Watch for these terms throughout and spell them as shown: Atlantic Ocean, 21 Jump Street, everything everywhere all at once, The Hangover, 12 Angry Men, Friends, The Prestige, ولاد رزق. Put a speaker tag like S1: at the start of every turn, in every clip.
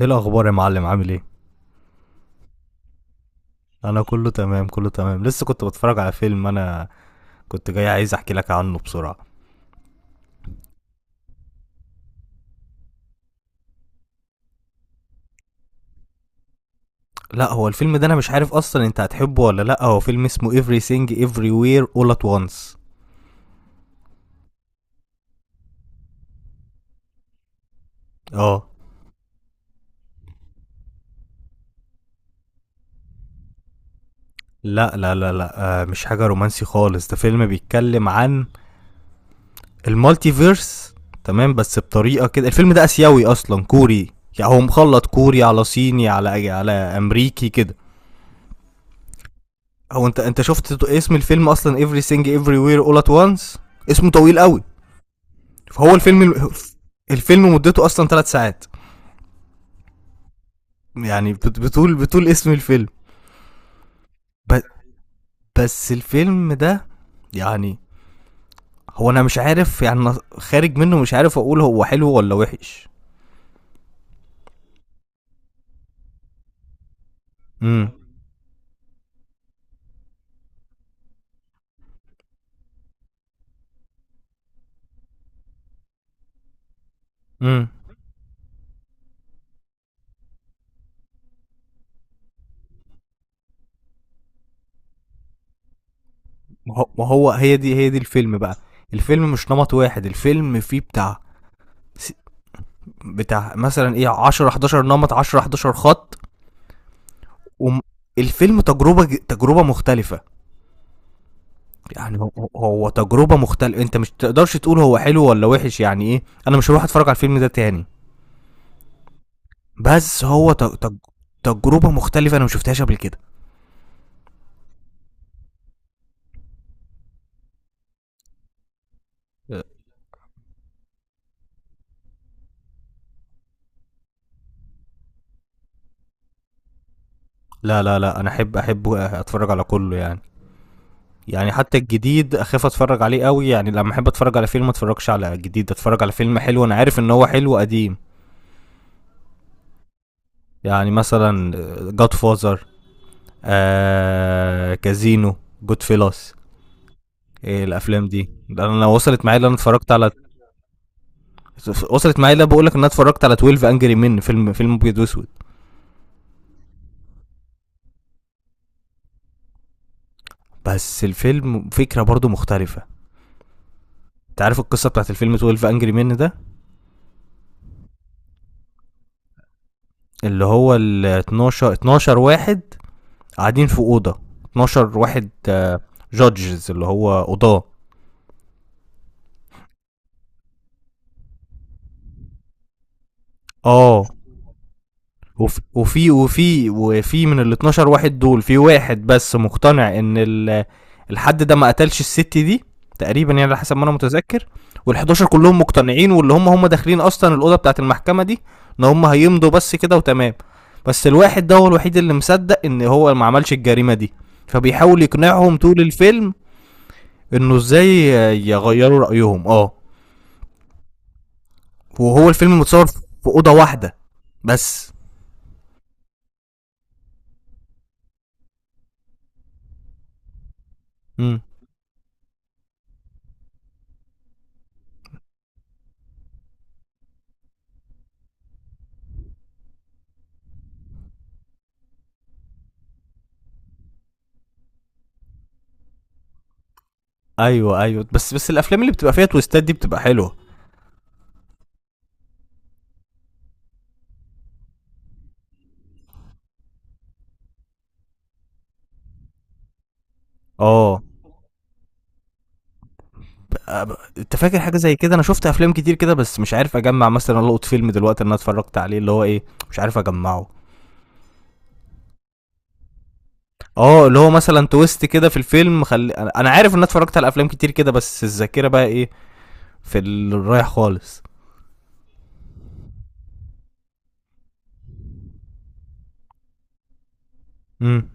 S1: ايه الاخبار يا معلم؟ عامل ايه؟ انا كله تمام كله تمام. لسه كنت بتفرج على فيلم انا، كنت جاي عايز احكي لك عنه بسرعه. لا هو الفيلم ده انا مش عارف اصلا انت هتحبه ولا لا. هو فيلم اسمه everything everywhere all at once. اه لا لا لا لا، آه، مش حاجه رومانسي خالص، ده فيلم بيتكلم عن المالتيفيرس. تمام بس بطريقه كده. الفيلم ده اسيوي اصلا كوري. يعني هو مخلط كوري على صيني على امريكي كده. هو انت شفت اسم الفيلم اصلا؟ everything everywhere all at once اسمه طويل قوي. فهو الفيلم، الفيلم مدته اصلا ثلاث ساعات. يعني بتقول اسم الفيلم. ب- بس الفيلم ده يعني هو انا مش عارف. يعني أنا خارج منه مش عارف اقول هو حلو ولا وحش. امم امم ما هو هي دي الفيلم بقى. الفيلم مش نمط واحد. الفيلم فيه بتاع مثلا ايه 10 11 نمط، 10 11 خط. والفيلم تجربه، تجربه مختلفه. يعني هو تجربه مختلفه. انت مش تقدرش تقول هو حلو ولا وحش. يعني ايه، انا مش هروح اتفرج على الفيلم ده تاني. بس هو تجربه مختلفه انا ما شفتهاش قبل كده. لا لا لا انا احب اتفرج على كله يعني. يعني حتى الجديد اخاف اتفرج عليه قوي. يعني لما احب اتفرج على فيلم، ما اتفرجش على جديد، اتفرج على فيلم حلو انا عارف ان هو حلو قديم. يعني مثلا جاد فازر، آه كازينو، جود فيلاس. إيه الافلام دي. لأن انا وصلت معايا اللي انا اتفرجت على، وصلت معايا اللي بقول لك ان انا اتفرجت على 12 انجري من. فيلم ابيض واسود بس الفيلم فكره برضو مختلفه. انت عارف القصه بتاعت الفيلم 12 انجري من ده. اللي هو ال 12، 12 واحد قاعدين في اوضه، 12 واحد جادجز اللي هو قضاه. اه وفي من ال 12 واحد دول، في واحد بس مقتنع ان الحد ده ما قتلش الست دي، تقريبا يعني على حسب ما انا متذكر. وال 11 كلهم مقتنعين. واللي هم داخلين اصلا الاوضه بتاعت المحكمه دي، ان هم هيمضوا بس كده وتمام. بس الواحد ده هو الوحيد اللي مصدق ان هو ما عملش الجريمه دي، فبيحاول يقنعهم طول الفيلم انه ازاي يغيروا رايهم. اه وهو الفيلم متصور في اوضه واحده بس. امم ايوه ايوه، بس الافلام اللي بتبقى فيها تويستات دي بتبقى حلوه. اه انت فاكر حاجه زي كده؟ انا شفت افلام كتير كده بس مش عارف اجمع. مثلا القط فيلم دلوقتي انا اتفرجت عليه اللي هو ايه، مش عارف اجمعه. اه اللي هو مثلا تويست كده في الفيلم. خلي أنا عارف ان انا اتفرجت على افلام كتير كده بس الذاكره بقى ايه، في الرايح خالص. امم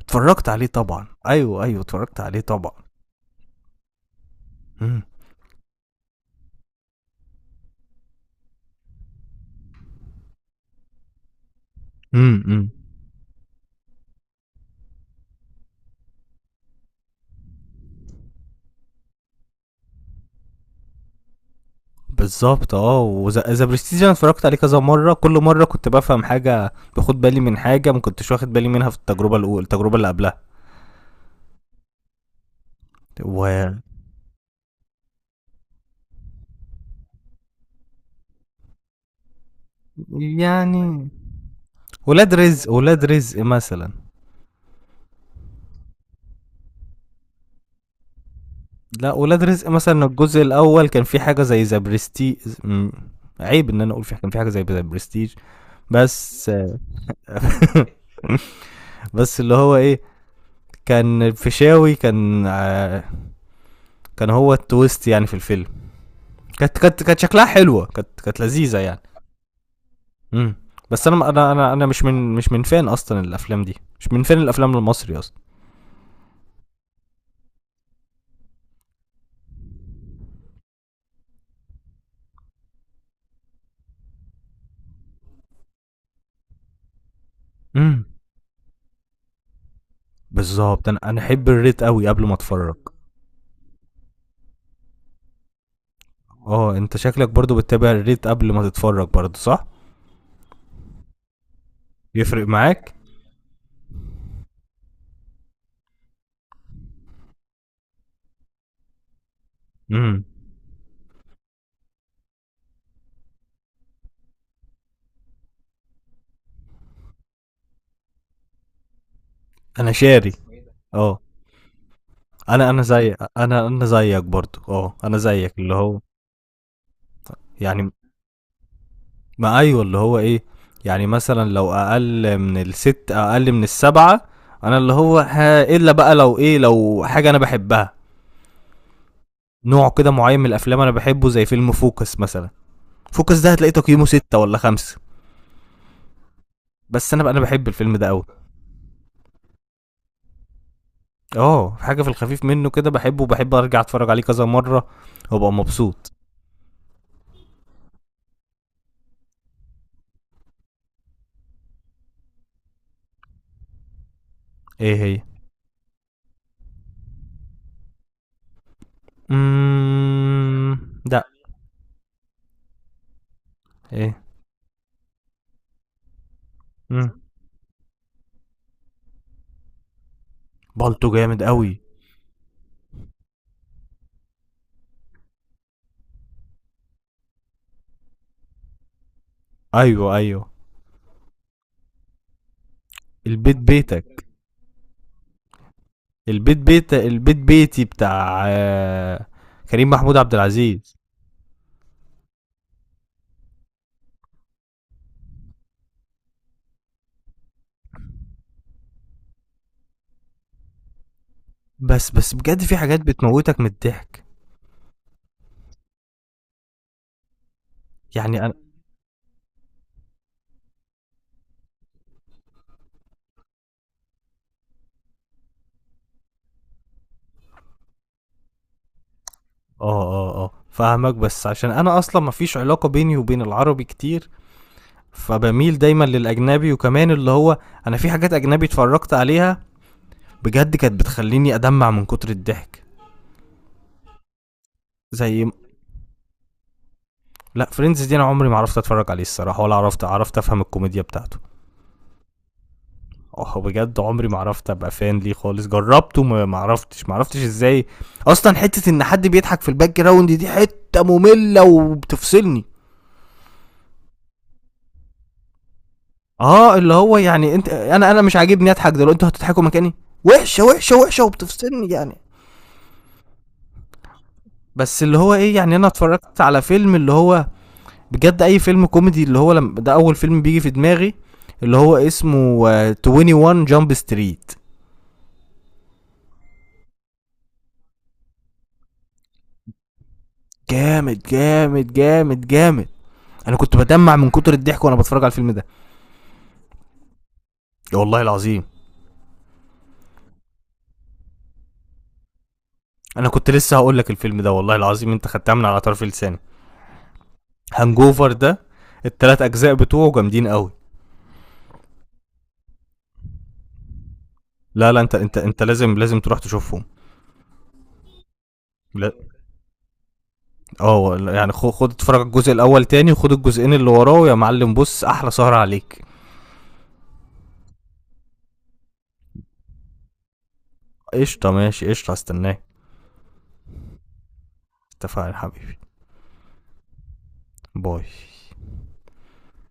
S1: اتفرجت عليه طبعا. ايوه ايوه اتفرجت عليه طبعا. امم امم بالظبط. اه وذا برستيج انا اتفرجت عليه كذا مره. كل مره كنت بفهم حاجه، باخد بالي من حاجه ما كنتش واخد بالي منها في التجربه الاولى، التجربه اللي قبلها. و يعني ولاد رزق مثلا. لا ولاد رزق مثلا الجزء الاول كان في حاجه زي ذا برستيج. م- عيب ان انا اقول، في كان في حاجه زي ذا برستيج بس. بس اللي هو ايه، كان فيشاوي كان، كان هو التويست يعني في الفيلم. كانت شكلها حلوه. كانت لذيذه يعني. امم بس انا مش من فان اصلا الافلام دي، مش من فان الافلام المصري اصلا. امم بالظبط. انا احب الريت قوي قبل ما اتفرج. اه انت شكلك برضو بتتابع الريت قبل ما تتفرج برضو صح؟ يفرق معاك؟ امم انا شاري. اه انا زيك برضو. اه انا زيك اللي هو. يعني ما ايوه، اللي هو ايه. يعني مثلا لو اقل من الست، اقل من السبعة. انا اللي هو، ها الا بقى لو ايه، لو حاجة انا بحبها، نوع كده معين من الافلام انا بحبه، زي فيلم فوكس مثلا. فوكس ده هتلاقي تقييمه ستة ولا خمسة بس انا بقى انا بحب الفيلم ده قوي. اه حاجة في الخفيف منه كده بحبه، وبحب ارجع اتفرج عليه كذا مرة وابقى مبسوط. ايه هي؟ لا ايه؟ امم بالطو جامد قوي. ايوه ايوه. البيت بيتك، البيت بيتي بتاع كريم محمود عبد العزيز. بس بجد في حاجات بتموتك من الضحك. يعني انا، اه اه اه فاهمك، بس عشان انا اصلا مفيش علاقة بيني وبين العربي كتير، فبميل دايما للاجنبي. وكمان اللي هو انا في حاجات اجنبي اتفرجت عليها بجد كانت بتخليني ادمع من كتر الضحك. زي، لا فريندز دي انا عمري ما عرفت اتفرج عليه الصراحة، ولا عرفت افهم الكوميديا بتاعته. اه بجد عمري ما عرفت ابقى فان ليه خالص. جربته ما عرفتش ازاي. اصلا حته ان حد بيضحك في الباك جراوند دي حته ممله وبتفصلني. اه اللي هو يعني انت انا مش عاجبني اضحك دلوقتي. انتوا هتضحكوا مكاني؟ وحشه وحشه وحشه وبتفصلني يعني. بس اللي هو ايه، يعني انا اتفرجت على فيلم اللي هو بجد اي فيلم كوميدي، اللي هو لما ده اول فيلم بيجي في دماغي اللي هو اسمه، 21 جامب ستريت. جامد جامد جامد جامد. انا كنت بدمع من كتر الضحك وانا بتفرج على الفيلم ده يا والله العظيم. انا كنت لسه هقول لك الفيلم ده والله العظيم انت خدتها من على طرف لساني. هانجوفر ده التلات اجزاء بتوعه جامدين قوي. لا لا انت انت لازم تروح تشوفهم. لا. اه يعني خد خد اتفرج على الجزء الاول تاني وخد الجزئين اللي وراه يا معلم. بص، احلى سهرة عليك. قشطه ماشي قشطه، هستناك. اتفقنا يا حبيبي. باي.